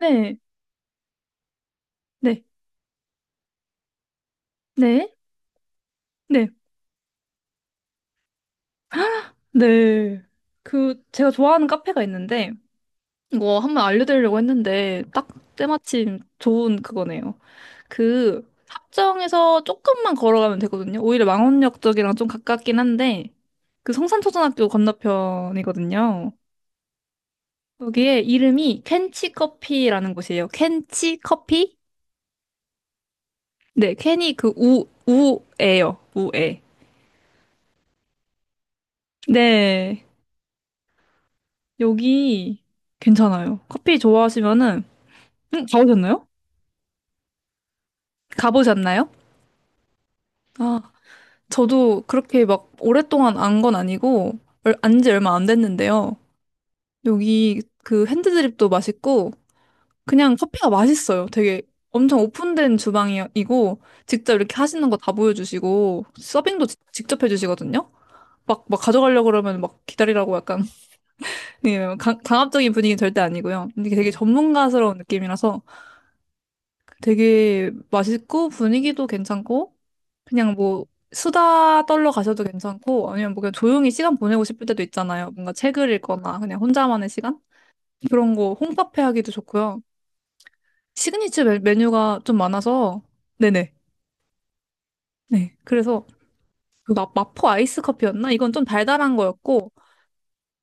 네, 네, 네, 네, 네. 그, 제가 좋아하는 카페가 있는데, 이거 한번 알려드리려고 했는데, 딱 때마침 좋은 그거네요. 그, 합정에서 조금만 걸어가면 되거든요. 오히려 망원역 쪽이랑 좀 가깝긴 한데, 그 성산초등학교 건너편이거든요. 여기에 이름이 켄치 커피라는 곳이에요. 켄치 커피? 네, 켄이 그 우, 우에요. 우에. 네, 여기 괜찮아요. 커피 좋아하시면은, 응, 가보셨나요? 가보셨나요? 아, 저도 그렇게 막 오랫동안 안 건 아니고, 안 지 얼마 안 됐는데요. 여기 그 핸드드립도 맛있고, 그냥 커피가 맛있어요. 되게 엄청 오픈된 주방이고, 직접 이렇게 하시는 거 다 보여주시고, 서빙도 직접 해주시거든요? 막, 막 가져가려고 그러면 막 기다리라고 약간, 예, 강압적인 분위기는 절대 아니고요. 이게 되게 전문가스러운 느낌이라서 되게 맛있고, 분위기도 괜찮고, 그냥 뭐 수다 떨러 가셔도 괜찮고 아니면 뭐 그냥 조용히 시간 보내고 싶을 때도 있잖아요. 뭔가 책을 읽거나 그냥 혼자만의 시간? 그런 거 홈카페 하기도 좋고요. 시그니처 메뉴가 좀 많아서 네네. 네. 그래서 그 마포 아이스 커피였나? 이건 좀 달달한 거였고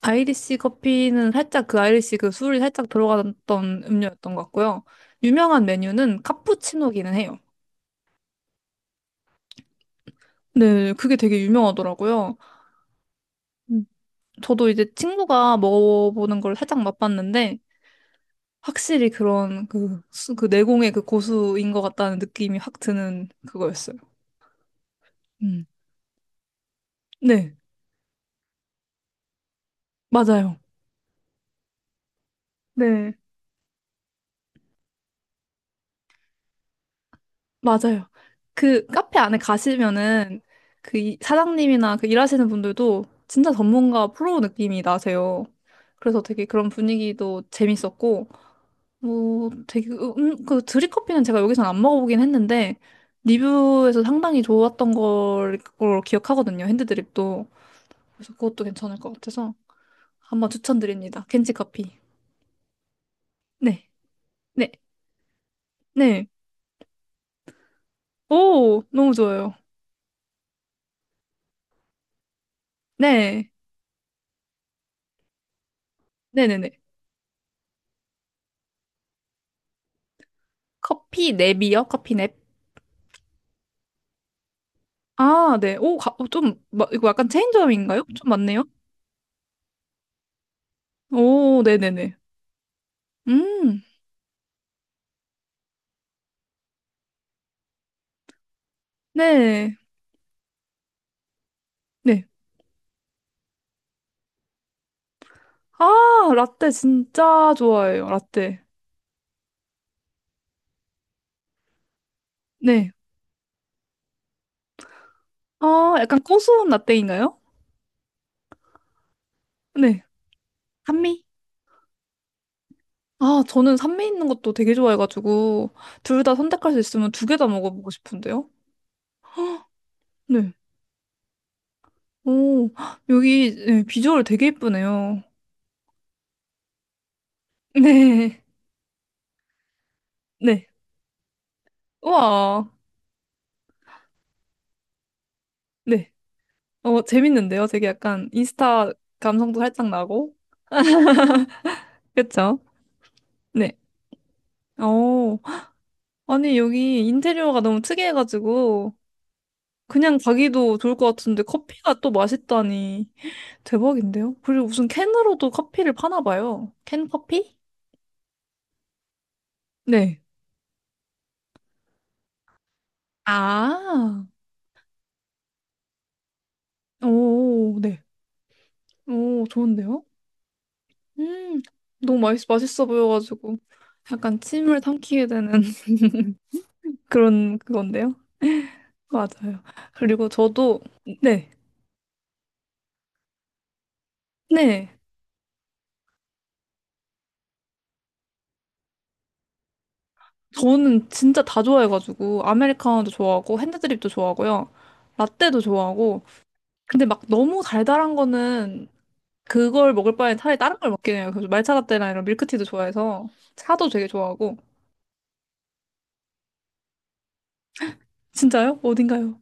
아이리시 커피는 살짝 그 아이리시 그 술이 살짝 들어갔던 음료였던 것 같고요. 유명한 메뉴는 카푸치노기는 해요. 네, 그게 되게 유명하더라고요. 음, 저도 이제 친구가 먹어보는 걸 살짝 맛봤는데 확실히 그런 그, 그 내공의 그 고수인 것 같다는 느낌이 확 드는 그거였어요. 음. 네, 맞아요. 네, 맞아요. 그 카페 안에 가시면은 그 사장님이나 그 일하시는 분들도 진짜 전문가 프로 느낌이 나세요. 그래서 되게 그런 분위기도 재밌었고, 뭐 되게, 그, 그 드립커피는 제가 여기서는 안 먹어보긴 했는데, 리뷰에서 상당히 좋았던 걸 기억하거든요. 핸드드립도. 그래서 그것도 괜찮을 것 같아서. 한번 추천드립니다. 켄지 커피. 네, 네, 네. 오, 너무 좋아요. 네, 네네네. 커피 냅이요? 커피 냅? 아, 네. 오, 좀, 이거 약간 체인점인가요? 좀 맞네요? 오, 네네네. 음, 네, 네. 아, 라떼 진짜 좋아해요, 라떼. 네. 아, 약간 고소한 라떼인가요? 네. 산미? 아, 저는 산미 있는 것도 되게 좋아해가지고, 둘 다 선택할 수 있으면 2개 다 먹어보고 싶은데요? 네. 오, 여기 네, 비주얼 되게 예쁘네요. 네, 네. 우와, 네. 어, 재밌는데요? 되게 약간 인스타 감성도 살짝 나고. 그쵸? 네. 어, 아니, 여기 인테리어가 너무 특이해가지고, 그냥 가기도 좋을 것 같은데, 커피가 또 맛있다니. 대박인데요? 그리고 무슨 캔으로도 커피를 파나 봐요. 캔 커피? 네. 아, 오, 네. 오, 좋은데요? 음, 너무 맛있어 보여가지고 약간 침을 삼키게 되는 그런 그건데요. 맞아요. 그리고 저도 네, 네. 저는 진짜 다 좋아해가지고 아메리카노도 좋아하고 핸드드립도 좋아하고요. 라떼도 좋아하고 근데 막 너무 달달한 거는 그걸 먹을 바에 차라리 다른 걸 먹긴 해요. 그래서 말차 라떼나 이런 밀크티도 좋아해서 차도 되게 좋아하고 진짜요? 어딘가요?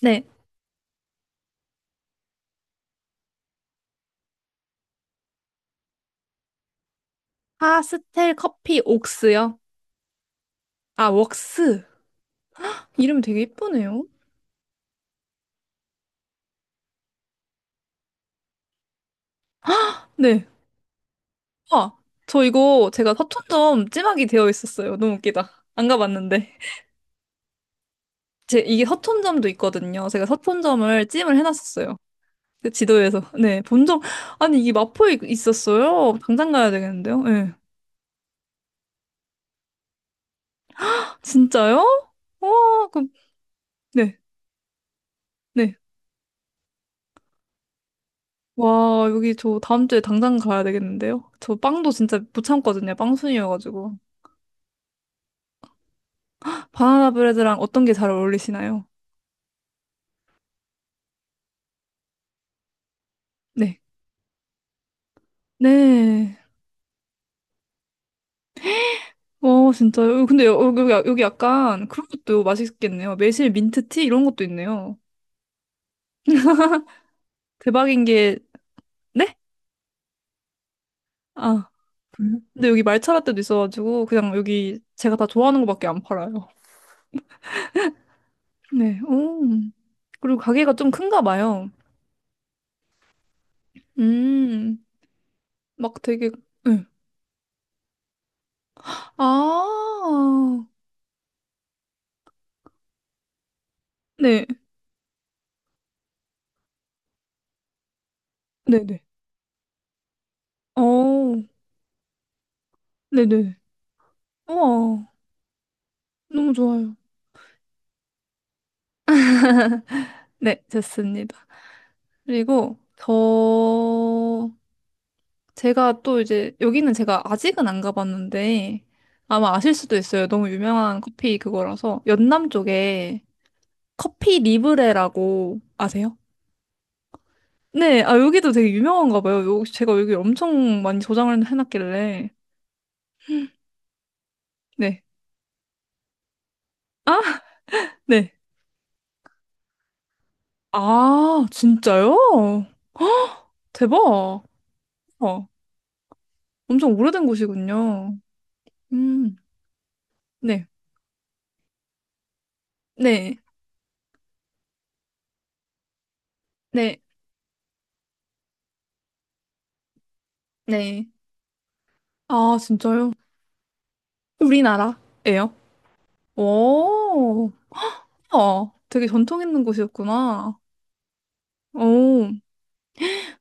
네. 파스텔 커피 옥스요? 아, 웍스. 이름 되게 예쁘네요. 네. 아, 저 이거 제가 서촌점 찜하기 되어 있었어요. 너무 웃기다. 안 가봤는데. 제 이게 서촌점도 있거든요. 제가 서촌점을 찜을 해놨었어요. 그 지도에서. 네, 본 적, 아니, 이게 마포에 있었어요. 당장 가야 되겠는데요? 네. 진짜요? 와, 그럼, 네, 네. 와, 여기 저 다음 주에 당장 가야 되겠는데요? 저 빵도 진짜 못 참거든요. 빵순이여가지고. 바나나 브레드랑 어떤 게 잘 어울리시나요? 네. 네. 어, 진짜요? 어, 근데 여기 약간 그런 것도 맛있겠네요. 매실 민트티 이런 것도 있네요. 대박인 게, 네? 아, 그래요? 근데 여기 말차라떼도 있어가지고 그냥 여기 제가 다 좋아하는 것밖에 안 팔아요. 네, 오. 그리고 가게가 좀 큰가 봐요. 음, 막 되게, 네. 아, 네, 네네. 어, 네네. 우와, 너무 좋아요. 네, 됐습니다. 그리고 제가 또 이제 여기는 제가 아직은 안 가봤는데 아마 아실 수도 있어요. 너무 유명한 커피 그거라서 연남 쪽에 커피 리브레라고 아세요? 네, 아 여기도 되게 유명한가 봐요. 제가 여기 엄청 많이 저장을 해놨길래 네, 아, 네, 아 진짜요? 대박. 어, 엄청 오래된 곳이군요. 음, 네, 네, 네, 네. 아 진짜요? 우리나라예요? 오. 어, 되게 전통 있는 곳이었구나. 오,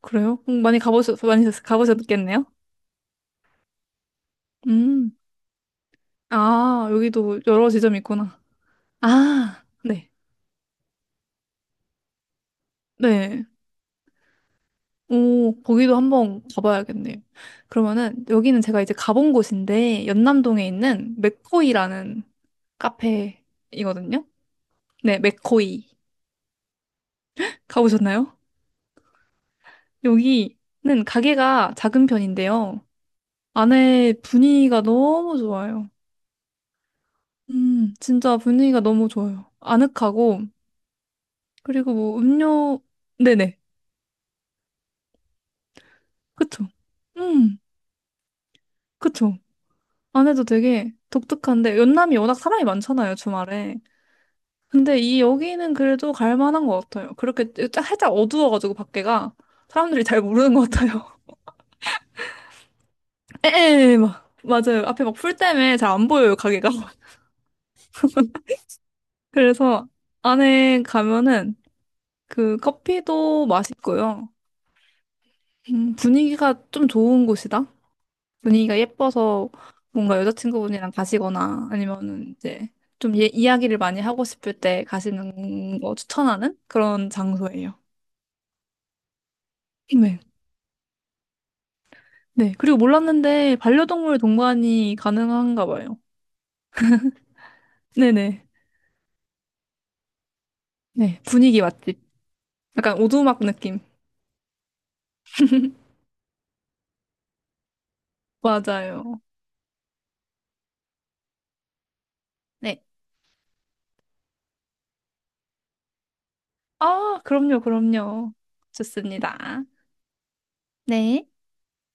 그래요? 많이 가보셨겠네요? 음, 아, 여기도 여러 지점이 있구나. 아, 네. 네. 오, 거기도 한번 가봐야겠네요. 그러면은, 여기는 제가 이제 가본 곳인데, 연남동에 있는 맥코이라는 카페이거든요? 네, 맥코이. 가보셨나요? 여기는 가게가 작은 편인데요. 안에 분위기가 너무 좋아요. 진짜 분위기가 너무 좋아요. 아늑하고, 그리고 뭐 음료, 네네. 그쵸. 음, 그쵸. 안에도 되게 독특한데, 연남이 워낙 사람이 많잖아요, 주말에. 근데 이 여기는 그래도 갈 만한 것 같아요. 그렇게 살짝 어두워가지고 밖에가 사람들이 잘 모르는 것 같아요. 에에, 막, 맞아요. 앞에 막 풀 때문에 잘 안 보여요, 가게가. 그래서 안에 가면은 그 커피도 맛있고요. 분위기가 좀 좋은 곳이다. 분위기가 예뻐서 뭔가 여자친구분이랑 가시거나 아니면은 이제 좀 예, 이야기를 많이 하고 싶을 때 가시는 거 추천하는 그런 장소예요. 네. 네. 그리고 몰랐는데 반려동물 동반이 가능한가 봐요. 네네. 네. 분위기 맛집. 약간 오두막 느낌. 맞아요. 네. 아, 그럼요, 그럼요. 좋습니다. 네.